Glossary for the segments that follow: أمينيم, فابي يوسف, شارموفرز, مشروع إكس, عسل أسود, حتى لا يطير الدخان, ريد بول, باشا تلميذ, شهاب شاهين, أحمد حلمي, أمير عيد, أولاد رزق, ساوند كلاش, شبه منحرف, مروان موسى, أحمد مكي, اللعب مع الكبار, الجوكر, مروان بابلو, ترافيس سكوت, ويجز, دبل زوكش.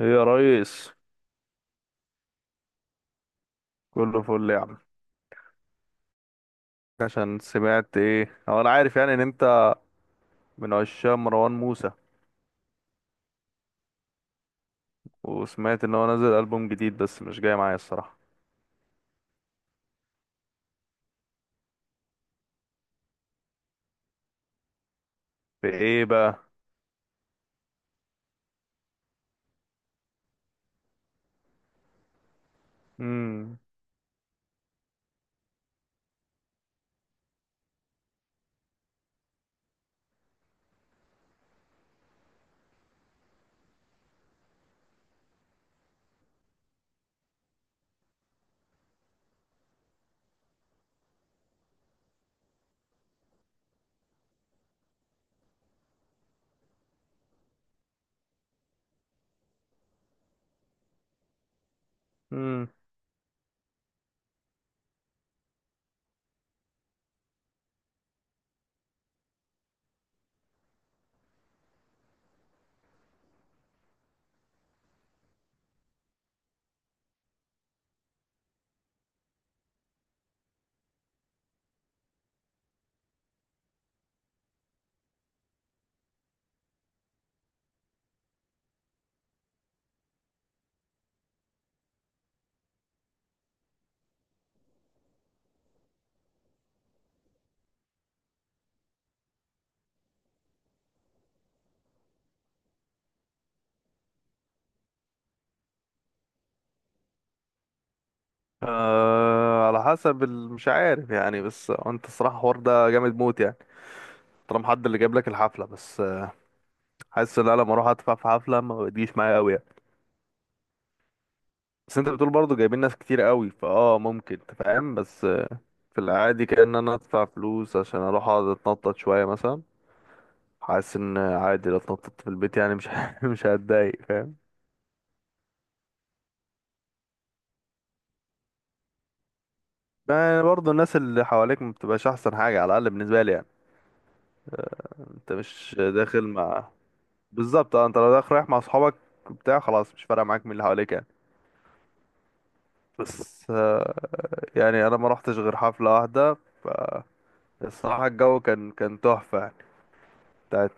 ايه يا ريس؟ كله فل يا عم. عشان سمعت، ايه هو، انا عارف يعني ان انت من عشاق مروان موسى، وسمعت ان هو نزل ألبوم جديد بس مش جاي معايا الصراحة. في ايه بقى؟ امم امم آه، على حسب مش عارف يعني، بس انت الصراحة الحوار ده جامد موت يعني. طالما حد اللي جايب لك الحفلة، بس حاسس ان انا لما اروح ادفع في حفلة، ما بتجيش معايا قوي يعني. بس انت بتقول برضه جايبين ناس كتير قوي، فاه ممكن، انت فاهم، بس في العادي كأن انا ادفع فلوس عشان اروح اقعد اتنطط شوية مثلا. حاسس ان عادي لو اتنططت في البيت، يعني مش مش هتضايق، فاهم. يعني برضه الناس اللي حواليك ما بتبقاش احسن حاجة، على الاقل بالنسبة لي يعني. انت مش داخل مع؟ بالظبط، اه، انت لو داخل رايح مع اصحابك بتاع، خلاص مش فارقة معاك مين اللي حواليك يعني. بس يعني انا ما رحتش غير حفلة واحدة، فالصراحة الجو كان تحفة يعني. بتاعت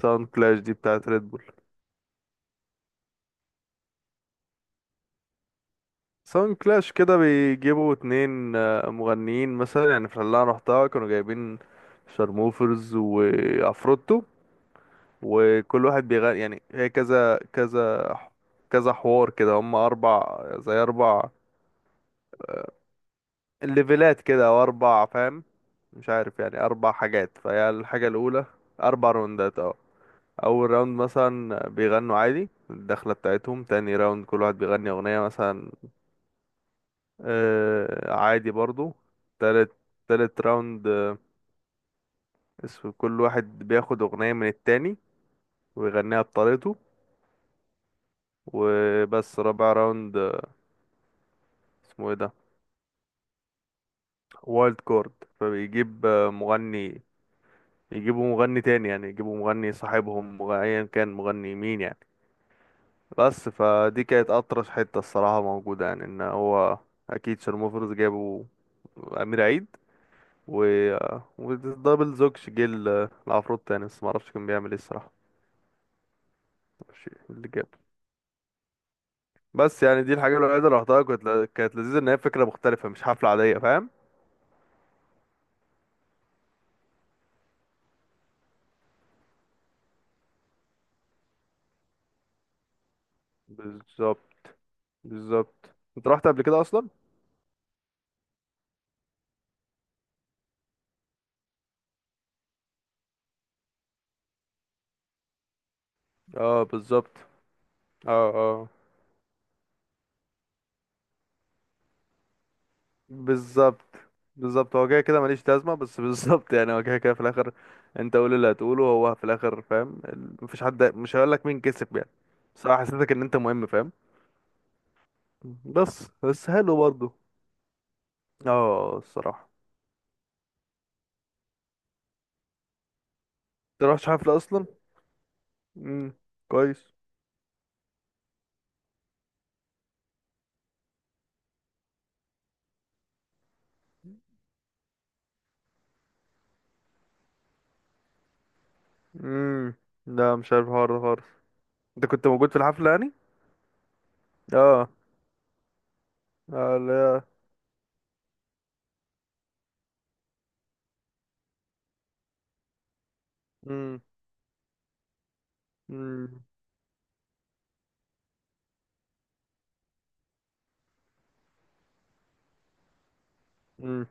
ساوند كلاش دي، بتاعت ريد بول. ساوند كلاش كده بيجيبوا اتنين مغنيين مثلا. يعني في اللي انا رحتها كانوا جايبين شارموفرز وعفروتو، وكل واحد بيغني. يعني هي كذا كذا كذا حوار كده. هم اربع، زي اربع ليفلات كده، او اربع، فاهم، مش عارف يعني، اربع حاجات. فهي الحاجة الاولى. اربع راوندات، اه. اول راوند مثلا بيغنوا عادي الدخلة بتاعتهم. تاني راوند كل واحد بيغني اغنية مثلا، آه، عادي برضو. تالت تالت راوند اسم كل واحد بياخد أغنية من التاني ويغنيها بطريقته وبس. رابع راوند اسمه ايه ده، وايلد كارد. فبيجيب مغني، يجيبوا مغني تاني، يعني يجيبوا مغني صاحبهم، ايا كان مغني مين يعني. بس فدي كانت أطرش حتة الصراحة موجودة، يعني ان هو اكيد شرموفرز جابوا امير عيد و آه، ودبل زوكش، جه العفروت تاني، بس معرفش كان بيعمل ايه الصراحة. ماشي اللي جاب. بس يعني دي الحاجة الوحيدة اللي رحتها، كانت لذيذة، ان هي فكرة مختلفة مش حفلة عادية، فاهم. بالظبط، بالظبط. انت رحت قبل كده اصلا؟ اه، بالظبط. اه، اه، بالظبط، بالظبط. هو كده كده ماليش لازمة، بس بالظبط يعني، هو كده كده في الاخر، انت قول اللي هتقوله، هو في الاخر فاهم، مفيش حد مش هيقول لك مين كسب يعني. بس أنا حسيتك ان انت مهم، فاهم. بس حلو برضه. اه، الصراحة. انت رحتش حفلة اصلا؟ امم كويس. امم لا، مش عارف الحوار ده خالص. انت كنت موجود في الحفلة يعني؟ اه، اه، لا. مم. مم. مم.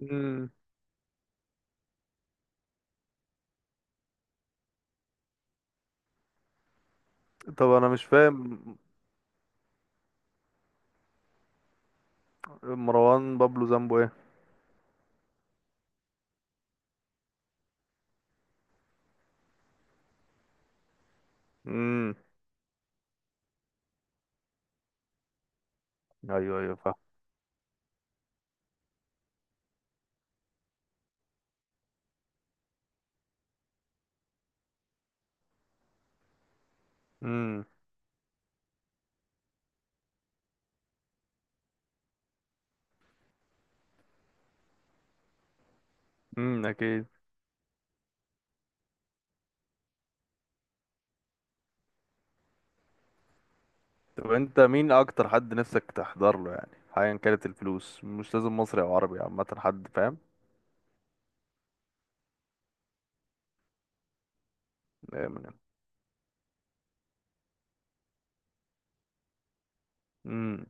مم. طب انا مش فاهم، مروان بابلو ذنبه ايه؟ امم ايوه، ايوه، فاهم. امم اكيد. طب انت مين اكتر حد نفسك تحضر له يعني، ايا كانت الفلوس، مش لازم مصري او عربي، عامه حد، فاهم. امينيم. امم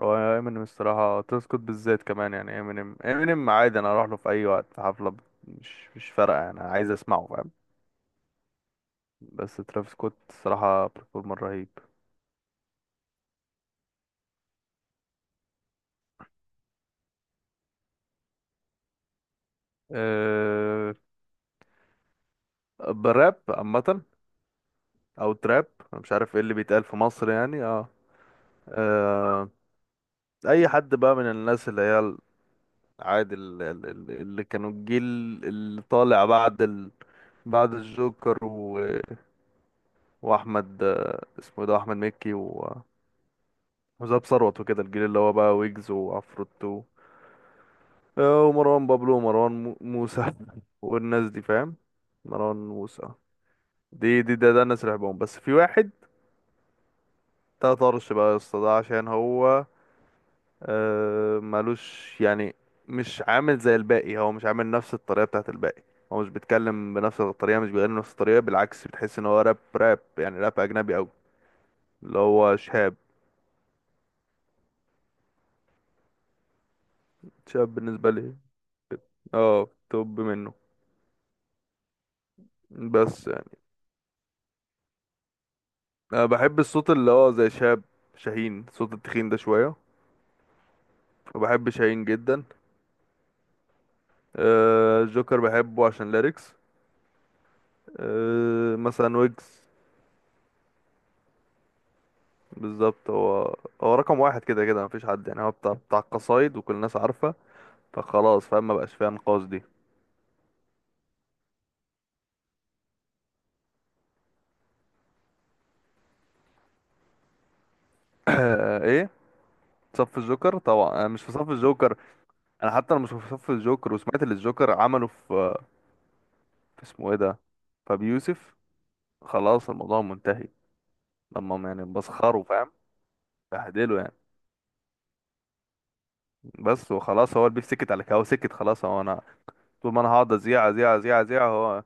هو امينيم الصراحه تسكت، بالذات كمان يعني، امينيم، امينيم عادي انا اروح له في اي وقت في حفله، مش فارقه، انا عايز اسمعه. بس ترافيس سكوت الصراحة برفورمر رهيب. أه، براب عامة، أو تراب. أنا مش عارف ايه اللي بيتقال في مصر يعني، اه. أه، أي حد بقى من الناس اللي هي عادي، اللي كانوا الجيل اللي طالع بعد ال... بعد الجوكر و... وأحمد اسمه إيه ده، أحمد مكي، و... وزاب ثروت وكده، الجيل اللي هو بقى ويجز وعفروتو، ومروان بابلو، ومروان موسى والناس دي، فاهم. مروان موسى، ده الناس اللي بحبهم، بس في واحد ده طرش بقى يا اسطى، ده عشان هو ملوش يعني، مش عامل زي الباقي، هو مش عامل نفس الطريقة بتاعت الباقي، هو مش بيتكلم بنفس الطريقة، مش بيغني بنفس الطريقة، بالعكس بتحس ان هو راب راب يعني، راب اجنبي اوي، اللي هو شهاب. شهاب بالنسبة لي، اه، توب منه. بس يعني، انا بحب الصوت اللي هو زي شهاب، شاهين، صوت التخين ده شوية. وبحب شاهين جدا. آه، جوكر بحبه عشان ليركس، مثلا ويجز. بالظبط، هو هو رقم واحد كده كده، مفيش حد يعني، هو بتاع القصايد، وكل الناس عارفة، فخلاص فاهم، ما بقاش فيها نقاش دي. ايه، صف الجوكر، طبعا انا مش في صف الجوكر. انا حتى انا مش في صف الجوكر، وسمعت اللي الجوكر عمله في اسمه ايه ده، فابي يوسف، خلاص الموضوع منتهي. لما هم يعني بسخروا، فاهم، بهدلوا يعني. بس وخلاص، هو البيف سكت على كده، هو سكت خلاص، هو انا طول ما انا هقعد ازيع، ازيع، ازيع، ازيع، هو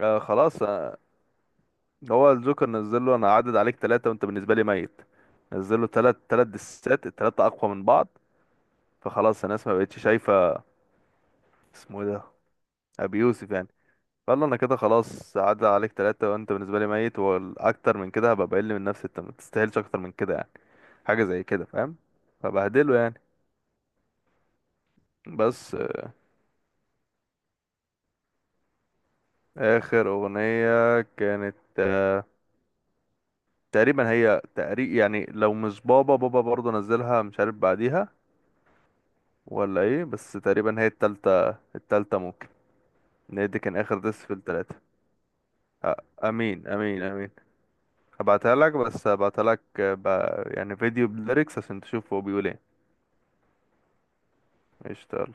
آه خلاص. آه، هو الجوكر نزل له، انا عدد عليك ثلاثة، وانت بالنسبة لي ميت. نزل له ثلاث دسات، الثلاثة اقوى من بعض، فخلاص الناس ما بقتش شايفة اسمه إيه ده، ابي يوسف يعني. قال له انا كده خلاص، عدى عليك ثلاثة، وانت بالنسبة لي ميت، والاكتر من كده هبقى بقل من نفسي، انت ما تستاهلش اكتر من كده يعني، حاجة زي كده، فاهم، فبهدله يعني. بس، اخر اغنية كانت تقريبا، هي تقريب يعني، لو مش بابا بابا برضه نزلها، مش عارف بعديها ولا ايه، بس تقريبا هي التالتة ممكن، ان هي دي كان اخر ديس في التلاتة. امين، امين، امين. هبعتها لك، بس هبعتها لك يعني فيديو بليركس، عشان تشوف هو بيقول ايه. قشطة، يلا.